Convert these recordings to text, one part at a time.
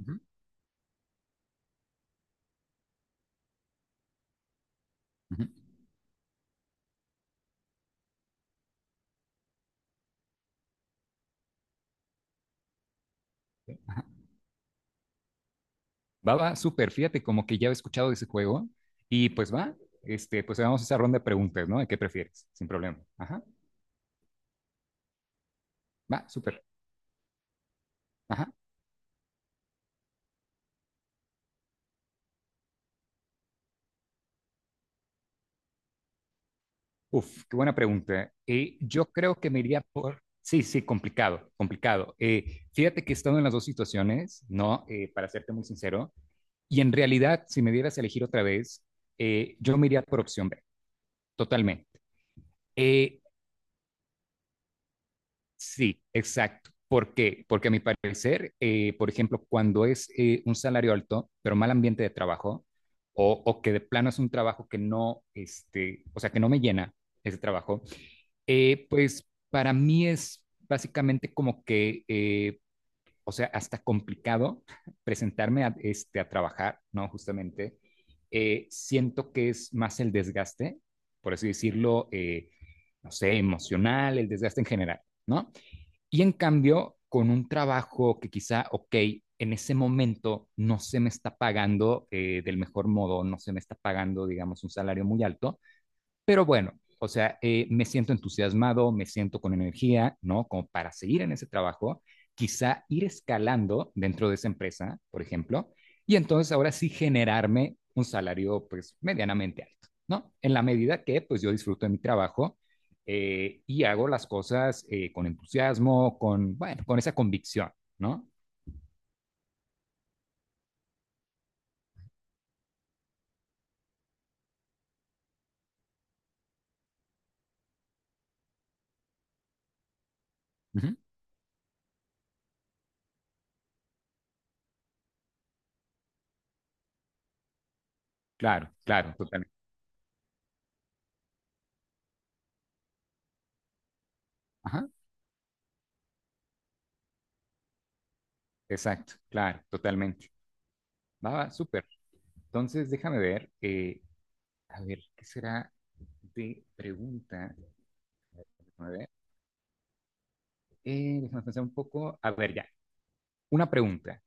Ujú, ujú, ajá. Va, va, súper, fíjate, como que ya he escuchado de ese juego. Y pues va, este, pues hagamos esa ronda de preguntas, ¿no? ¿De qué prefieres? Sin problema. Ajá, va, súper. Ajá. Uf, qué buena pregunta. Yo creo que me iría por. Sí, sí, complicado, complicado. Fíjate que he estado en las dos situaciones, ¿no? Para serte muy sincero. Y en realidad, si me dieras a elegir otra vez, yo me iría por opción B, totalmente. Eh, Sí, exacto. ¿Por qué? Porque a mi parecer, por ejemplo, cuando es un salario alto, pero mal ambiente de trabajo, o que de plano es un trabajo que no, este, o sea, que no me llena ese trabajo, pues para mí es básicamente como que, o sea, hasta complicado presentarme a, este, a trabajar, ¿no? Justamente, siento que es más el desgaste, por así decirlo, no sé, emocional, el desgaste en general, ¿no? Y en cambio, con un trabajo que quizá, ok, en ese momento no se me está pagando del mejor modo, no se me está pagando, digamos, un salario muy alto, pero bueno, o sea, me siento entusiasmado, me siento con energía, ¿no? Como para seguir en ese trabajo, quizá ir escalando dentro de esa empresa, por ejemplo, y entonces ahora sí generarme un salario pues medianamente alto, ¿no? En la medida que pues yo disfruto de mi trabajo y hago las cosas con entusiasmo, con, bueno, con esa convicción, ¿no? Ujú. Claro, claro, totalmente. Ajá, exacto, claro, totalmente. Va, va, súper. Entonces, déjame ver. A ver, ¿qué será de pregunta? A ver, déjame pensar un poco. A ver, ya. Una pregunta.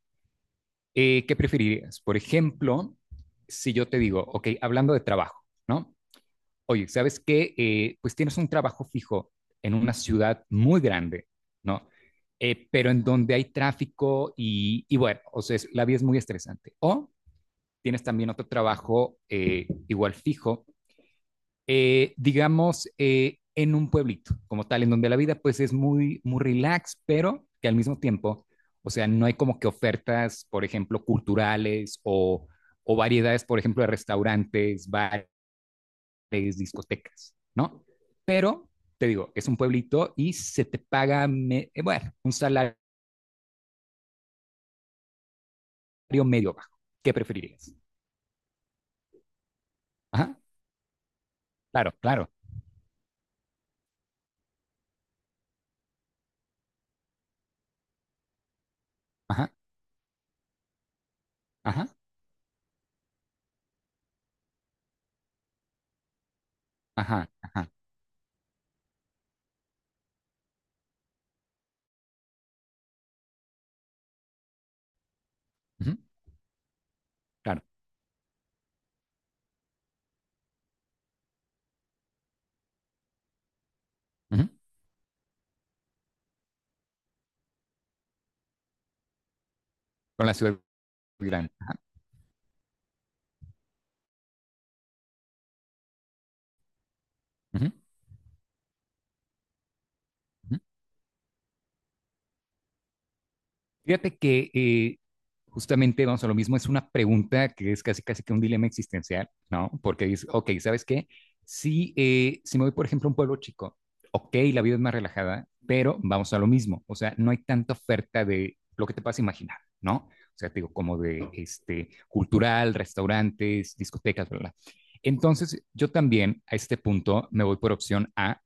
¿Qué preferirías? Por ejemplo, si yo te digo, ok, hablando de trabajo, ¿no? Oye, ¿sabes qué? Pues tienes un trabajo fijo en una ciudad muy grande, ¿no? Pero en donde hay tráfico y bueno, o sea, es- la vida es muy estresante. O tienes también otro trabajo igual fijo digamos, en un pueblito como tal, en donde la vida pues es muy, muy relax, pero que al mismo tiempo, o sea, no hay como que ofertas, por ejemplo, culturales o variedades, por ejemplo, de restaurantes, bares, discotecas, ¿no? Pero, te digo, es un pueblito y se te paga, me- bueno, un salario medio bajo. ¿Qué preferirías? Ajá, claro, claro. Ajá, ajá, ajá, ajá. Ujú, claro. Ujú, con la ciudad grande. Ajá, ujú, ujú. Fíjate que justamente vamos a lo mismo, es una pregunta que es casi casi que un dilema existencial, ¿no? Porque dices, ok, ¿sabes qué? Si, si me voy, por ejemplo, a un pueblo chico, ok, la vida es más relajada, pero vamos a lo mismo, o sea, no hay tanta oferta de lo que te puedas imaginar, ¿no? O sea, te digo, como de este, cultural, restaurantes, discotecas, bla, bla. Entonces, yo también a este punto me voy por opción A,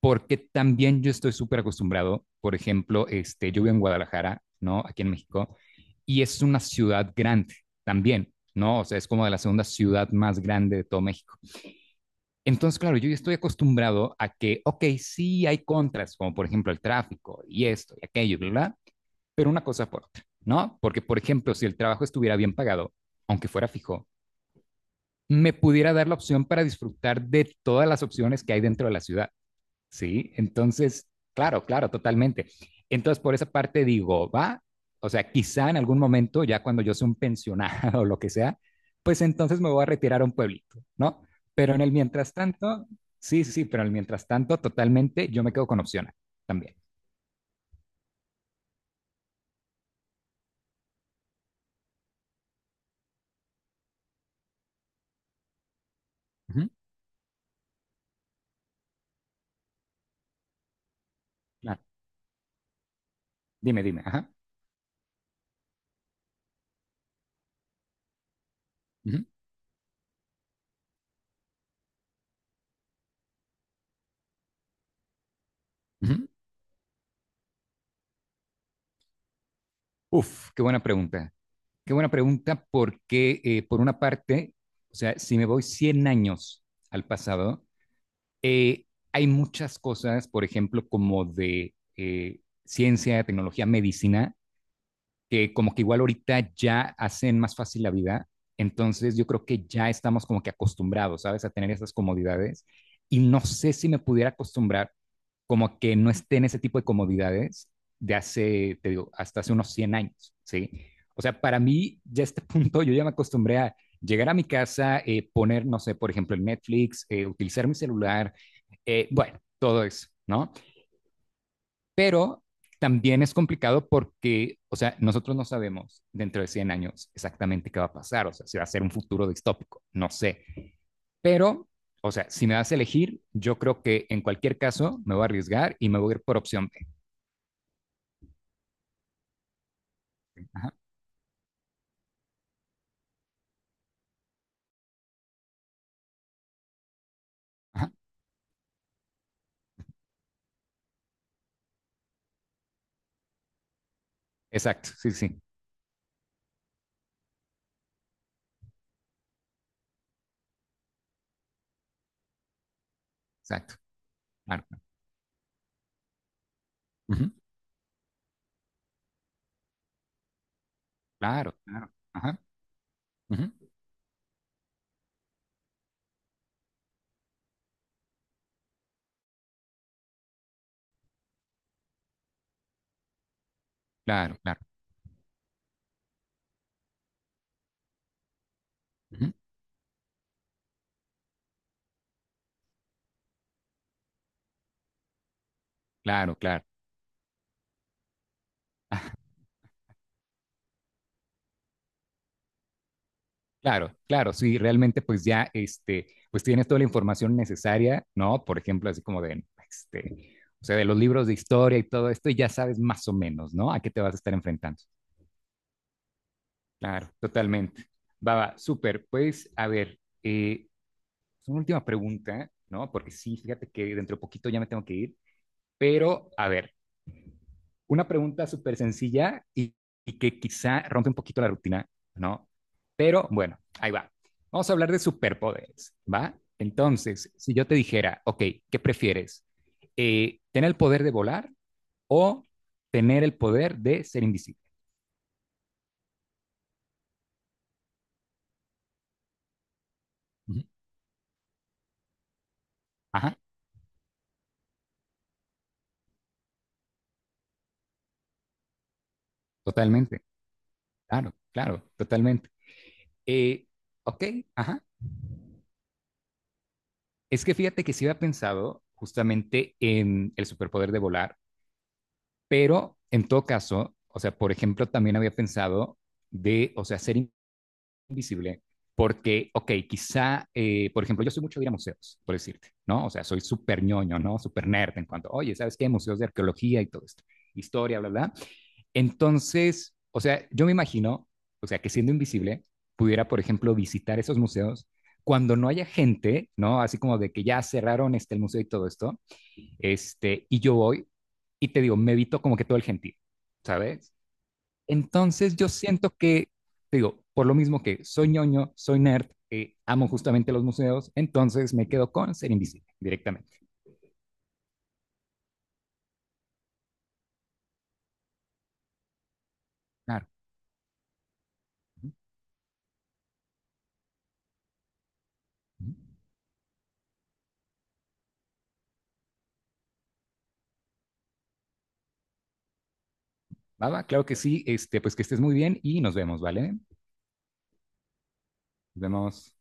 porque también yo estoy súper acostumbrado, por ejemplo, este, yo vivo en Guadalajara, ¿no? Aquí en México, y es una ciudad grande también, ¿no? O sea, es como de la segunda ciudad más grande de todo México. Entonces, claro, yo estoy acostumbrado a que, ok, sí hay contras, como por ejemplo el tráfico y esto y aquello, ¿verdad? Pero una cosa por otra, ¿no? Porque, por ejemplo, si el trabajo estuviera bien pagado, aunque fuera fijo, me pudiera dar la opción para disfrutar de todas las opciones que hay dentro de la ciudad. Sí, entonces, claro, claro, totalmente. Entonces, por esa parte digo, va, o sea, quizá en algún momento, ya cuando yo sea un pensionado o lo que sea, pues entonces me voy a retirar a un pueblito, ¿no? Pero en el mientras tanto, sí, sí, sí, pero en el mientras tanto, totalmente, yo me quedo con opciones también. Ujú, claro. Dime, dime, ajá. Ujú, ujú. Uf, qué buena pregunta. Qué buena pregunta porque, por una parte, o sea, si me voy 100 años al pasado, hay muchas cosas, por ejemplo, como de ciencia, tecnología, medicina, que como que igual ahorita ya hacen más fácil la vida, entonces yo creo que ya estamos como que acostumbrados, ¿sabes? A tener esas comodidades y no sé si me pudiera acostumbrar como que no esté en ese tipo de comodidades de hace, te digo, hasta hace unos 100 años, ¿sí? O sea, para mí ya a este punto yo ya me acostumbré a llegar a mi casa, poner, no sé, por ejemplo, el Netflix, utilizar mi celular, bueno, todo eso, ¿no? Pero también es complicado porque, o sea, nosotros no sabemos dentro de 100 años exactamente qué va a pasar, o sea, si va a ser un futuro distópico, no sé. Pero, o sea, si me das a elegir, yo creo que en cualquier caso me voy a arriesgar y me voy a ir por opción B. Ajá, ajá. Exacto, sí, sí, exacto. Claro, ujú, claro, claro. Ajá, ujú, claro, claro. Ujú, claro, claro. Ah, claro, claro, sí, realmente pues ya, este, pues tienes toda la información necesaria, ¿no? Por ejemplo, así como de, este, o sea, de los libros de historia y todo esto, y ya sabes más o menos, ¿no? A qué te vas a estar enfrentando. Claro, totalmente. Baba, súper. Pues, a ver, una última pregunta, ¿no? Porque sí, fíjate que dentro de poquito ya me tengo que ir, pero, a ver, una pregunta súper sencilla y que quizá rompe un poquito la rutina, ¿no? Pero bueno, ahí va. Vamos a hablar de superpoderes, ¿va? Entonces, si yo te dijera, ok, ¿qué prefieres? ¿Tener el poder de volar o tener el poder de ser invisible? Ujú. Ajá, totalmente, claro, claro, totalmente. Eh, ok, ajá. Es que fíjate que sí había pensado justamente en el superpoder de volar, pero en todo caso, o sea, por ejemplo, también había pensado de, o sea, ser invisible, porque, ok, quizá, por ejemplo, yo soy mucho de ir a museos, por decirte, ¿no? O sea, soy súper ñoño, ¿no? Súper nerd en cuanto, oye, ¿sabes qué? Museos de arqueología y todo esto, historia, bla, bla. Entonces, o sea, yo me imagino, o sea, que siendo invisible, pudiera, por ejemplo, visitar esos museos cuando no haya gente, ¿no? Así como de que ya cerraron este, el museo y todo esto, este, y yo voy y te digo, me evito como que todo el gentío, ¿sabes? Entonces yo siento que, te digo, por lo mismo que soy ñoño, soy nerd, amo justamente los museos, entonces me quedo con ser invisible directamente. Claro. Ujú, ujú. Baba, claro que sí, este, pues que estés muy bien y nos vemos, ¿vale? Nos vemos.